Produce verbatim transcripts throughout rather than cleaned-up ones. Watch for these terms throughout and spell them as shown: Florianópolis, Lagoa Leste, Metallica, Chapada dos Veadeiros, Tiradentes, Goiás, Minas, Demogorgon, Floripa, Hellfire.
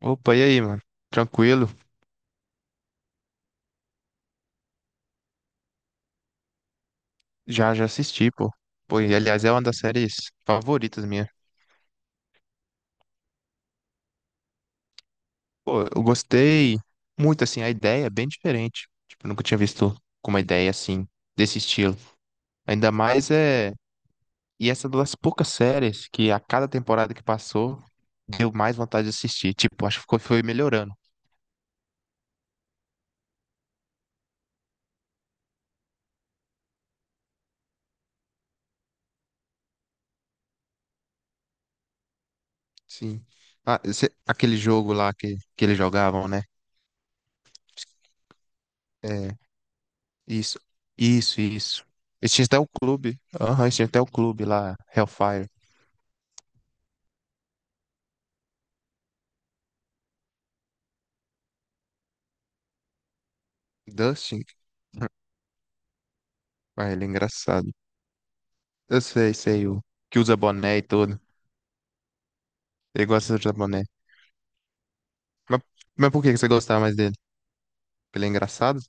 Opa, e aí, mano? Tranquilo? Já, já assisti, pô. Pô, e aliás, é uma das séries favoritas minha. Pô, eu gostei muito, assim, a ideia é bem diferente. Tipo, eu nunca tinha visto com uma ideia assim, desse estilo. Ainda mais é. E essa é uma das poucas séries que a cada temporada que passou, deu mais vontade de assistir. Tipo, acho que ficou, foi melhorando. Sim. Ah, cê- aquele jogo lá que, que eles jogavam, né? É. Isso, isso, isso. Eles tinham até o clube. Aham, eles tinham até o clube lá, Hellfire. Dustin? Ah, ele é engraçado. Eu sei, sei, o que usa boné e tudo. Ele gosta de usar boné. Mas, mas por que que você gostava mais dele? Porque ele é engraçado?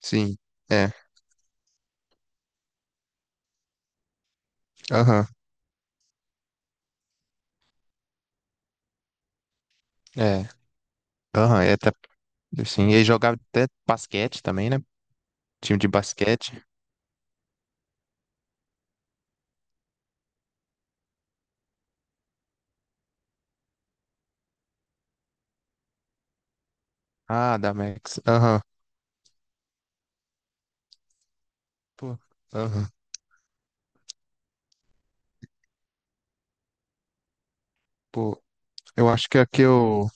Sim, é. Aham, é. Aham, é até, assim, ele jogava até basquete também, né? Time de basquete. Ah, da Max. Aham. Pô, aham. Pô, eu acho que a que eu,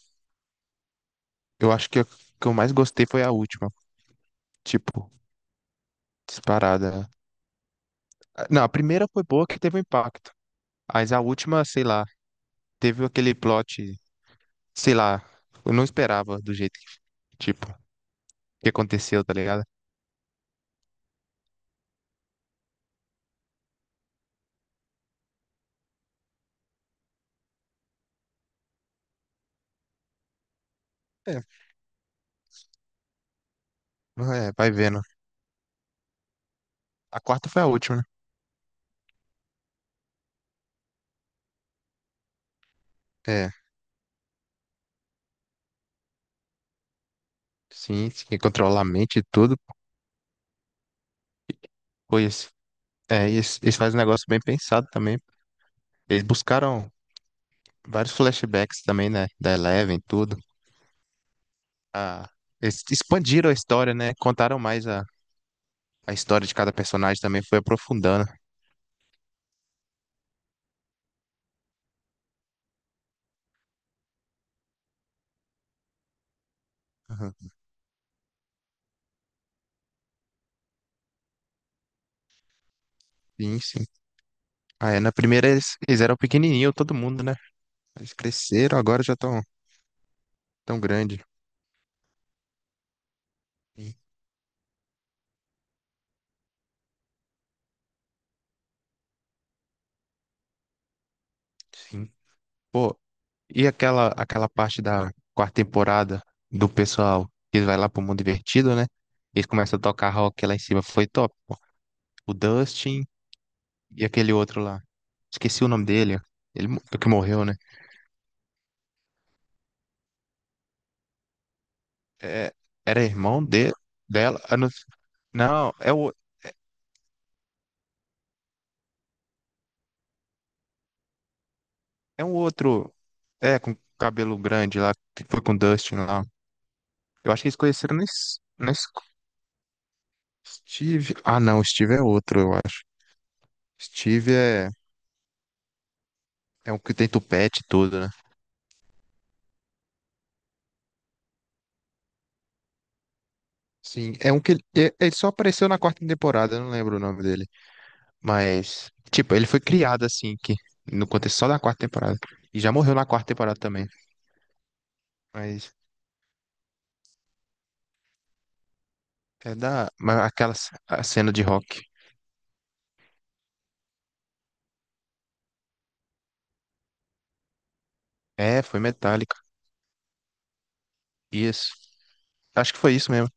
eu acho que a que eu mais gostei foi a última. Tipo, disparada. Ah, não, a primeira foi boa que teve um impacto. Mas a última, sei lá, teve aquele plot, sei lá, eu não esperava do jeito que, tipo, que aconteceu, tá ligado? É, é, vai vendo. A quarta foi a última, né? É, sim, sim, controlar a mente e tudo, pois é, e eles, eles fazem um negócio bem pensado também. Eles buscaram vários flashbacks também, né, da Eleven e tudo. Ah, eles expandiram a história, né, contaram mais a, a história de cada personagem também, foi aprofundando. Aham. Sim, sim. Ah, é, na primeira eles, eles eram pequenininho, todo mundo, né? Eles cresceram, agora já estão tão grande. Sim, sim. Pô, e aquela aquela parte da quarta temporada do pessoal que vai lá pro mundo divertido, né? Eles começam a tocar rock lá em cima, foi top, pô. O Dustin e aquele outro lá. Esqueci o nome dele. Ele mo- que morreu, né? É, era irmão de, dela. Eu Não, não, é o, é um outro. É, com cabelo grande lá, que foi com o Dustin lá. Eu acho que eles conheceram na, es- na escola. Steve. Ah, não, Steve é outro, eu acho. Steve é, é um que tem tupete e tudo, né? Sim, é um que ele, é- ele só apareceu na quarta temporada, eu não lembro o nome dele. Mas, tipo, ele foi criado assim, que no contexto só da quarta temporada. E já morreu na quarta temporada também. Mas é da. Mas aquela c- a cena de rock. É, foi Metallica. Isso. Acho que foi isso mesmo.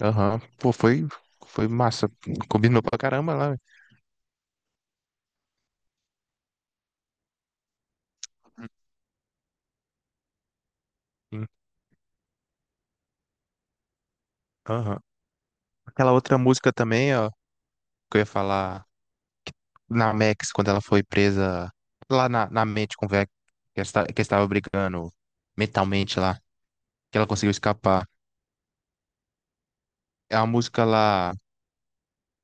Aham. Pô, foi, foi massa. Combinou pra caramba lá, velho. Sim. Aham. Aquela outra música também, ó, que eu ia falar na Max, quando ela foi presa lá na, na mente com o Vec, que esta- que estava brigando mentalmente lá, que ela conseguiu escapar. É uma música lá,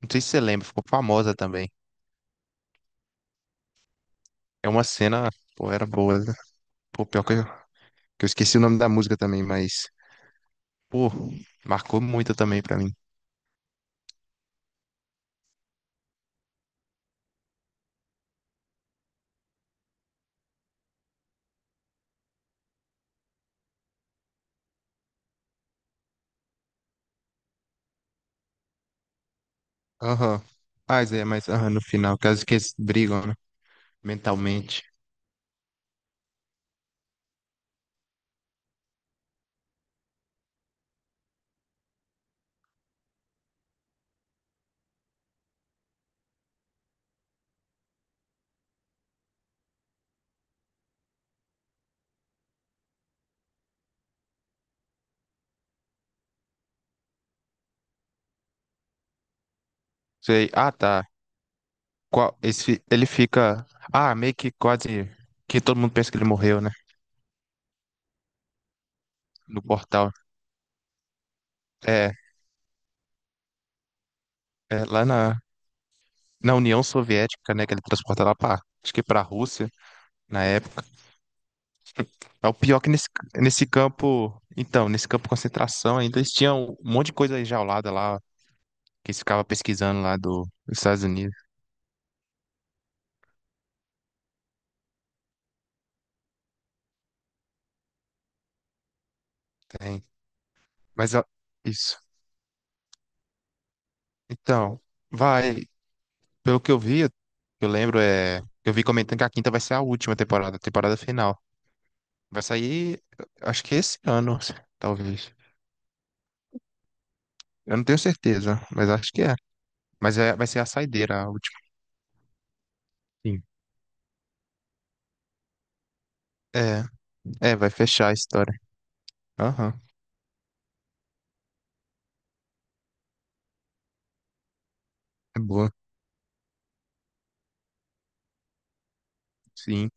não sei se você lembra, ficou famosa também. É uma cena, pô, era boa, né? Pô, pior que eu, que eu esqueci o nome da música também, mas, pô, marcou muito também pra mim. Aham. Ah, Zé, mas aham, no final, caso que eles brigam, né? Mentalmente. Sei. Ah, tá. Qual, esse, fi- ele fica. Ah, meio que quase. Que todo mundo pensa que ele morreu, né? No portal. É, é lá na, na União Soviética, né? Que ele transporta lá pra. Acho que pra Rússia, na época. É o pior que nesse, nesse campo. Então, nesse campo de concentração ainda eles tinham um monte de coisa enjaulada lá. Que eles ficavam pesquisando lá do, dos Estados Unidos. Tem. Mas, ó, isso. Então. Vai. Pelo que eu vi, eu lembro, é, eu vi comentando que a quinta vai ser a última temporada, a temporada final. Vai sair, acho que esse ano, talvez. Eu não tenho certeza, mas acho que é. Mas é, vai ser a saideira, a última. Sim. É, é, vai fechar a história. Aham, é boa. Sim,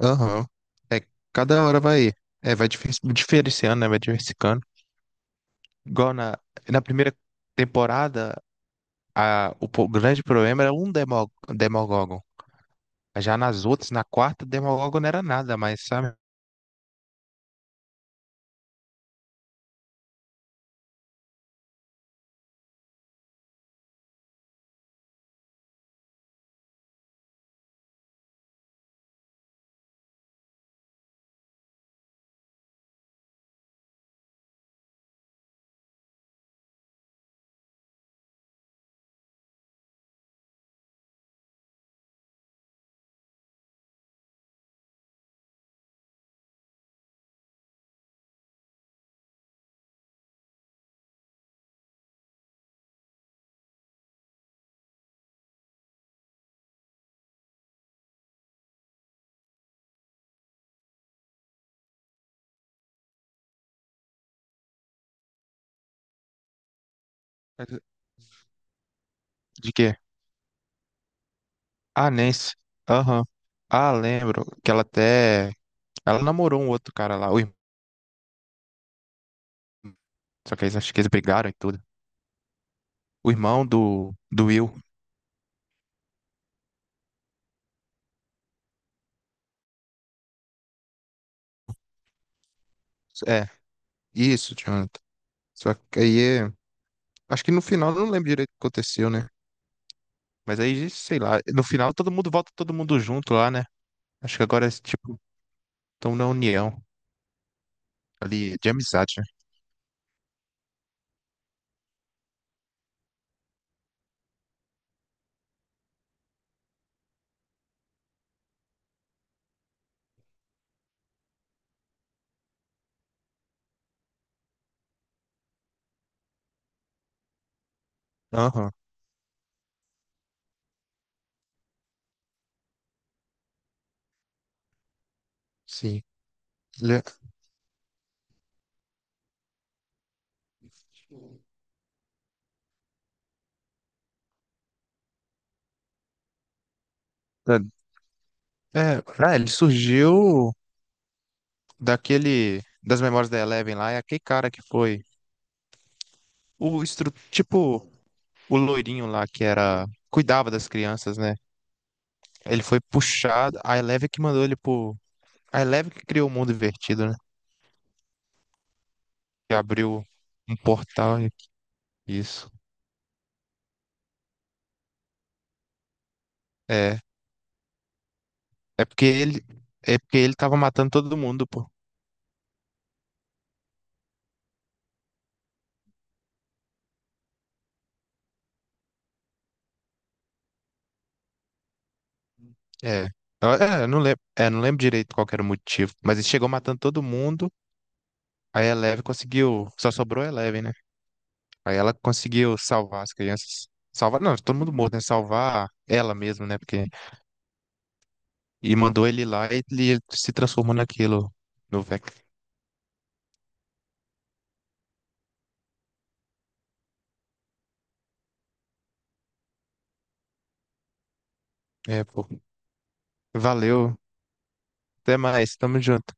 aham. É, cada hora vai, é, vai difer- diferenciando, né? Vai diversificando. Igual na, na primeira temporada, a, o po- grande problema era um demo, Demogorgon. Já nas outras, na quarta, Demogorgon não era nada, mas sabe? De quê? Ah, Nancy. Aham. Ah, lembro que ela até. Ela namorou um outro cara lá, o irmão. Só que eles acho que eles brigaram e tudo. O irmão do, do Will. É, isso, Jonathan. Só que aí. é- Acho que no final eu não lembro direito o que aconteceu, né? Mas aí, sei lá. No final todo mundo volta todo mundo junto lá, né? Acho que agora é tipo. Estão na união ali de amizade, né? Aham, sim. Ele, é, é, é, ele surgiu daquele, das memórias da Eleven lá, é aquele cara que foi o estru, tipo, o loirinho lá que era, cuidava das crianças, né? Ele foi puxado, a Eleven que mandou ele pro a Eleven que criou o mundo invertido, né? Que abriu um portal e isso. É. É porque ele. É porque ele tava matando todo mundo, pô. É. Eu- É, eu não lembro, é, não lembro direito qual que era o motivo. Mas ele chegou matando todo mundo. Aí a Eleven conseguiu. Só sobrou a Eleven, né? Aí ela conseguiu salvar as crianças. Salvar. Não, todo mundo morto, né? Salvar ela mesmo, né? Porque. E mandou ele lá e ele se transformou naquilo. No Vec. É, pô. Valeu. Até mais. Tamo junto.